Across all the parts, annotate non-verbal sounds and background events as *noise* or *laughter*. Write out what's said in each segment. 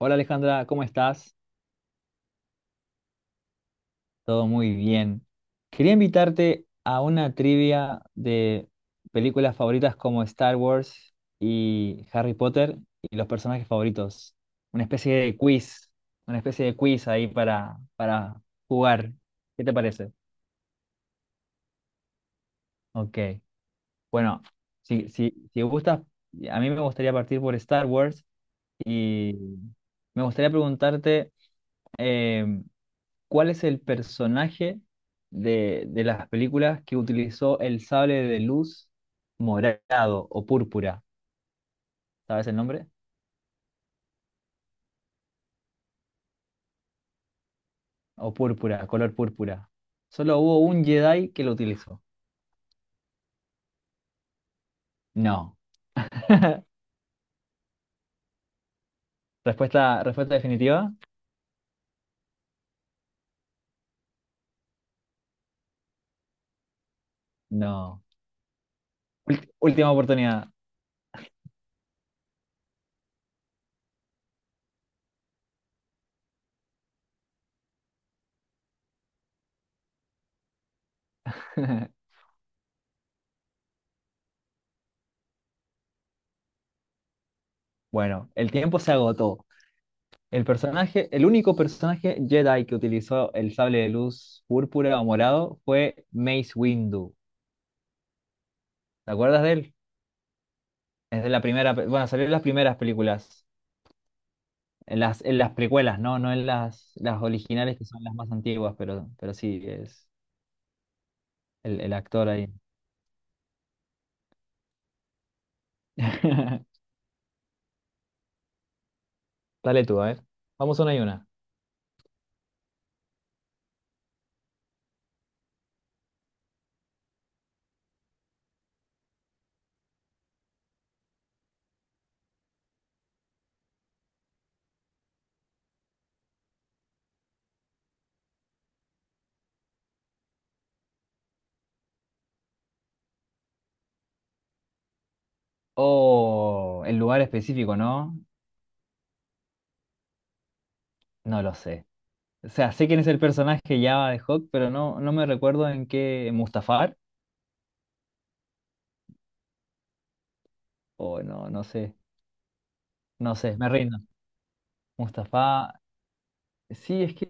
Hola Alejandra, ¿cómo estás? Todo muy bien. Quería invitarte a una trivia de películas favoritas como Star Wars y Harry Potter y los personajes favoritos. Una especie de quiz, una especie de quiz ahí para jugar. ¿Qué te parece? Ok. Bueno, si gustas, a mí me gustaría partir por Star Wars y me gustaría preguntarte... em, ¿cuál es el personaje de las películas que utilizó el sable de luz morado o púrpura? ¿Sabes el nombre? O púrpura, color púrpura. Solo hubo un Jedi que lo utilizó. No. Respuesta, respuesta definitiva. No. Última oportunidad. *laughs* Bueno, el tiempo se agotó. El personaje, el único personaje Jedi que utilizó el sable de luz púrpura o morado fue Mace Windu. ¿Te acuerdas de él? Es de la primera, bueno, salió en las primeras películas, en las precuelas, ¿no? No en las originales que son las más antiguas, pero sí, es el actor ahí. *laughs* Dale tú, a ver. Vamos una y una. Oh, el lugar específico, ¿no? No lo sé. O sea, sé quién es el personaje ya de Hawk, pero no, no me recuerdo en qué. ¿Mustafar? O no, no sé. No sé, me rindo. Mustafa. Sí, es que.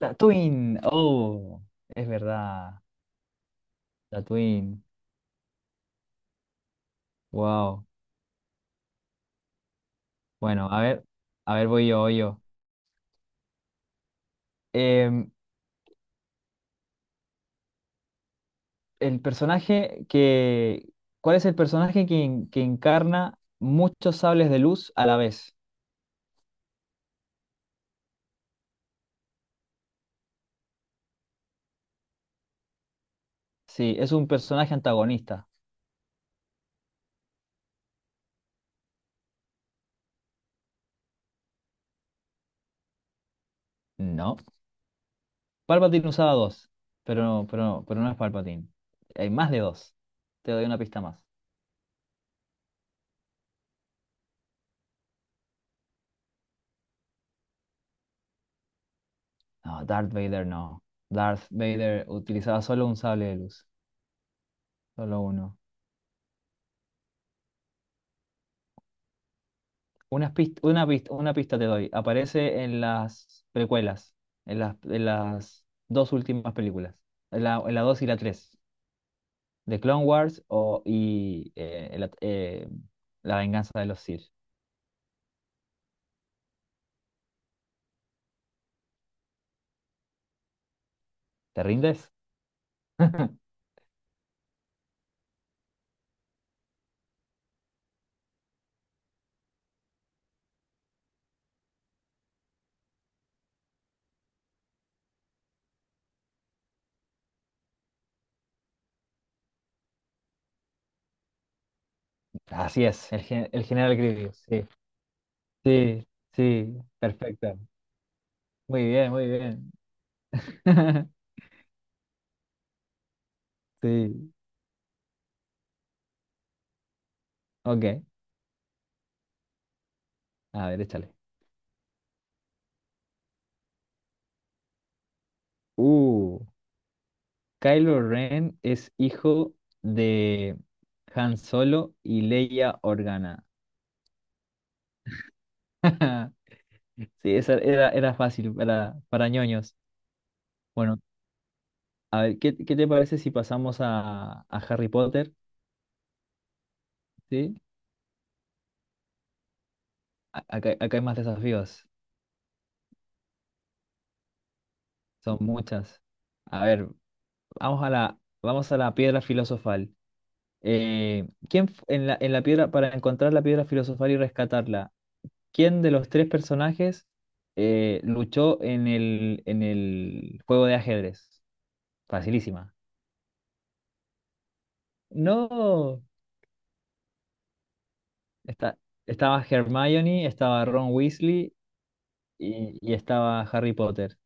Tatooine. Oh, es verdad. Tatooine. Wow. Bueno, a ver, voy yo. Em, el personaje que, ¿cuál es el personaje que, que encarna muchos sables de luz a la vez? Sí, es un personaje antagonista. No. Palpatine usaba dos, pero no, pero no es Palpatine. Hay más de dos. Te doy una pista más. No, Darth Vader no. Darth Vader utilizaba solo un sable de luz, solo uno. Una pista, una pista, una pista te doy. Aparece en las precuelas, en las dos últimas películas, en la 2 y la 3 de Clone Wars o, y la, La venganza de los Sith. ¿Te rindes? *laughs* Así es, el general Grievous. Sí, sí, sí, perfecto. Muy bien, muy bien. *laughs* Sí, ok. A ver, échale. Uh. Kylo Ren es hijo de Han Solo y Leia Organa. *laughs* Sí, esa era, era fácil para ñoños. Bueno, a ver, ¿qué te parece si pasamos a Harry Potter? ¿Sí? Acá hay más desafíos, son muchas. A ver, vamos a la piedra filosofal. ¿ En la piedra, para encontrar la piedra filosofal y rescatarla, ¿quién de los tres personajes luchó en el juego de ajedrez? Facilísima. No. Está, Estaba Hermione, estaba Ron Weasley y estaba Harry Potter.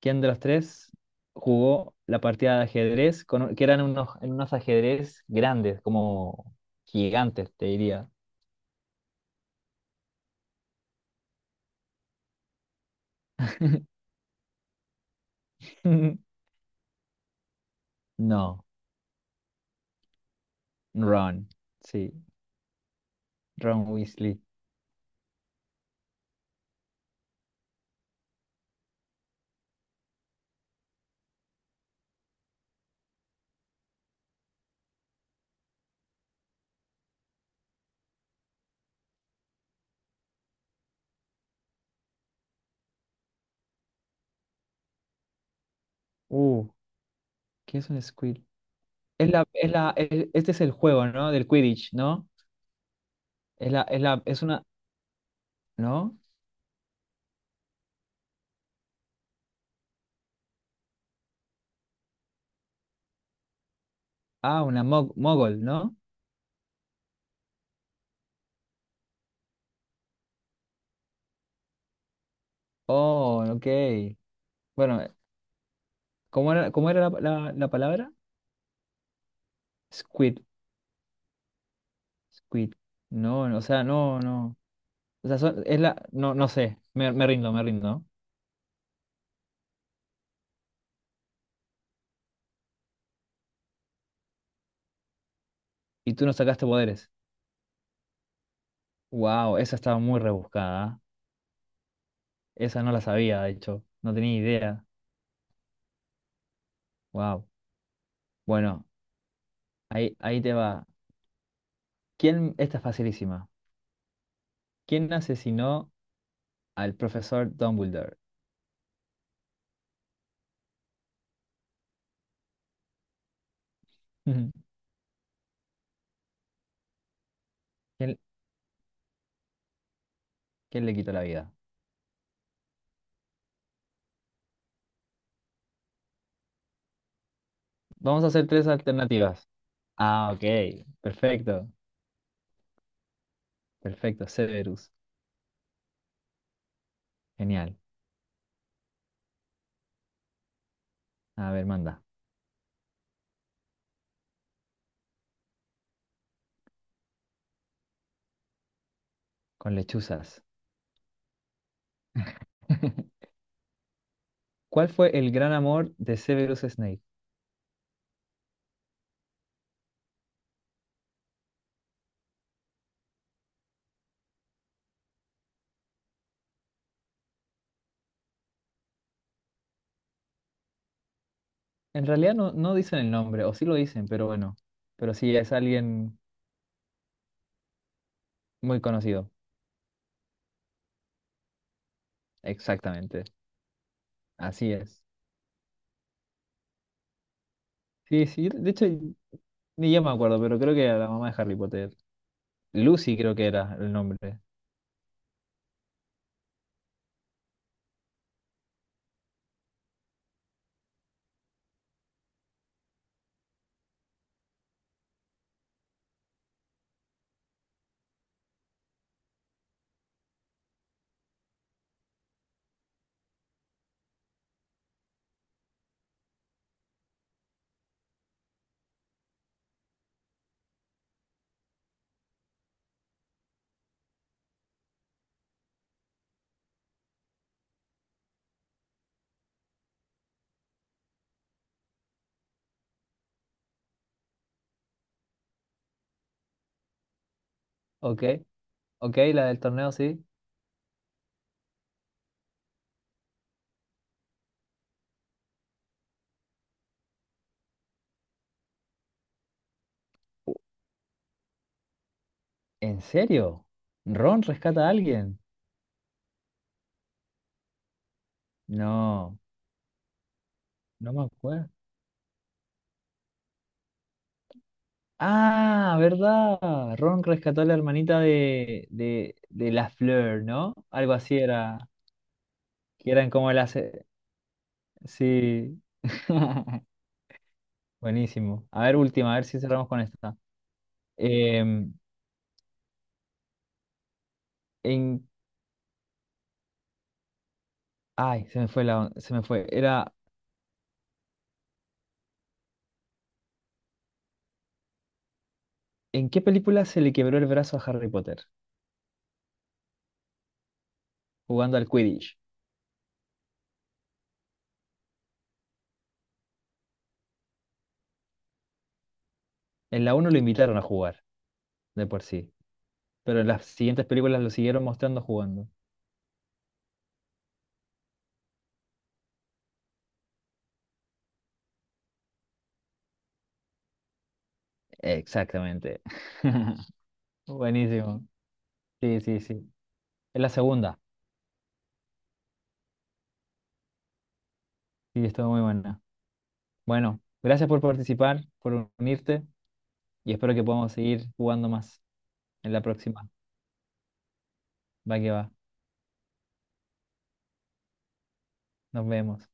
¿Quién de los tres jugó la partida de ajedrez con que eran unos, en unos ajedrez grandes, como gigantes, te diría? *laughs* No, Ron. Sí, Ron Weasley. Uh, ¿Qué es un Squid? Este es el juego, ¿no? Del Quidditch, ¿no? Es una, ¿no? Ah, una mogol, ¿no? Oh, ok. Bueno, ¿cómo era la palabra? Squid, squid. No, no, o sea, no, no. O sea, no, no sé. Me rindo, me rindo. Y tú no sacaste poderes. Wow, esa estaba muy rebuscada. ¿Eh? Esa no la sabía, de hecho. No tenía idea. Wow. Bueno, ahí, ahí te va. ¿Quién? Esta es facilísima. ¿Quién asesinó al profesor Dumbledore? Ujú. ¿Quién, Quién le quitó la vida? Vamos a hacer tres alternativas. Ah, ok. Perfecto. Perfecto. Severus. Genial. A ver, manda. Con lechuzas. *laughs* ¿Cuál fue el gran amor de Severus Snape? En realidad no, no dicen el nombre, o sí lo dicen, pero bueno. Pero sí es alguien muy conocido. Exactamente. Así es. Sí, sí. De hecho, ni yo me acuerdo, pero creo que era la mamá de Harry Potter. Lucy creo que era el nombre. Ok. Ok, la del torneo, sí. ¿En serio? ¿Ron rescata a alguien? No, no me acuerdo. Ah, ¿verdad? Ron rescató a la hermanita de la Fleur, ¿no? Algo así era, que eran como las... sí. *laughs* Buenísimo. A ver, última, a ver si cerramos con esta. Em, en... Ay, se me fue la... se me fue. Era, ¿en qué película se le quebró el brazo a Harry Potter? Jugando al Quidditch. En la uno lo invitaron a jugar, de por sí. Pero las siguientes películas lo siguieron mostrando jugando. Exactamente. *laughs* Buenísimo. Sí, sí, sí. Es la segunda. Sí, estuvo muy buena. Bueno, gracias por participar, por unirte y espero que podamos seguir jugando más en la próxima. Va que va. Nos vemos.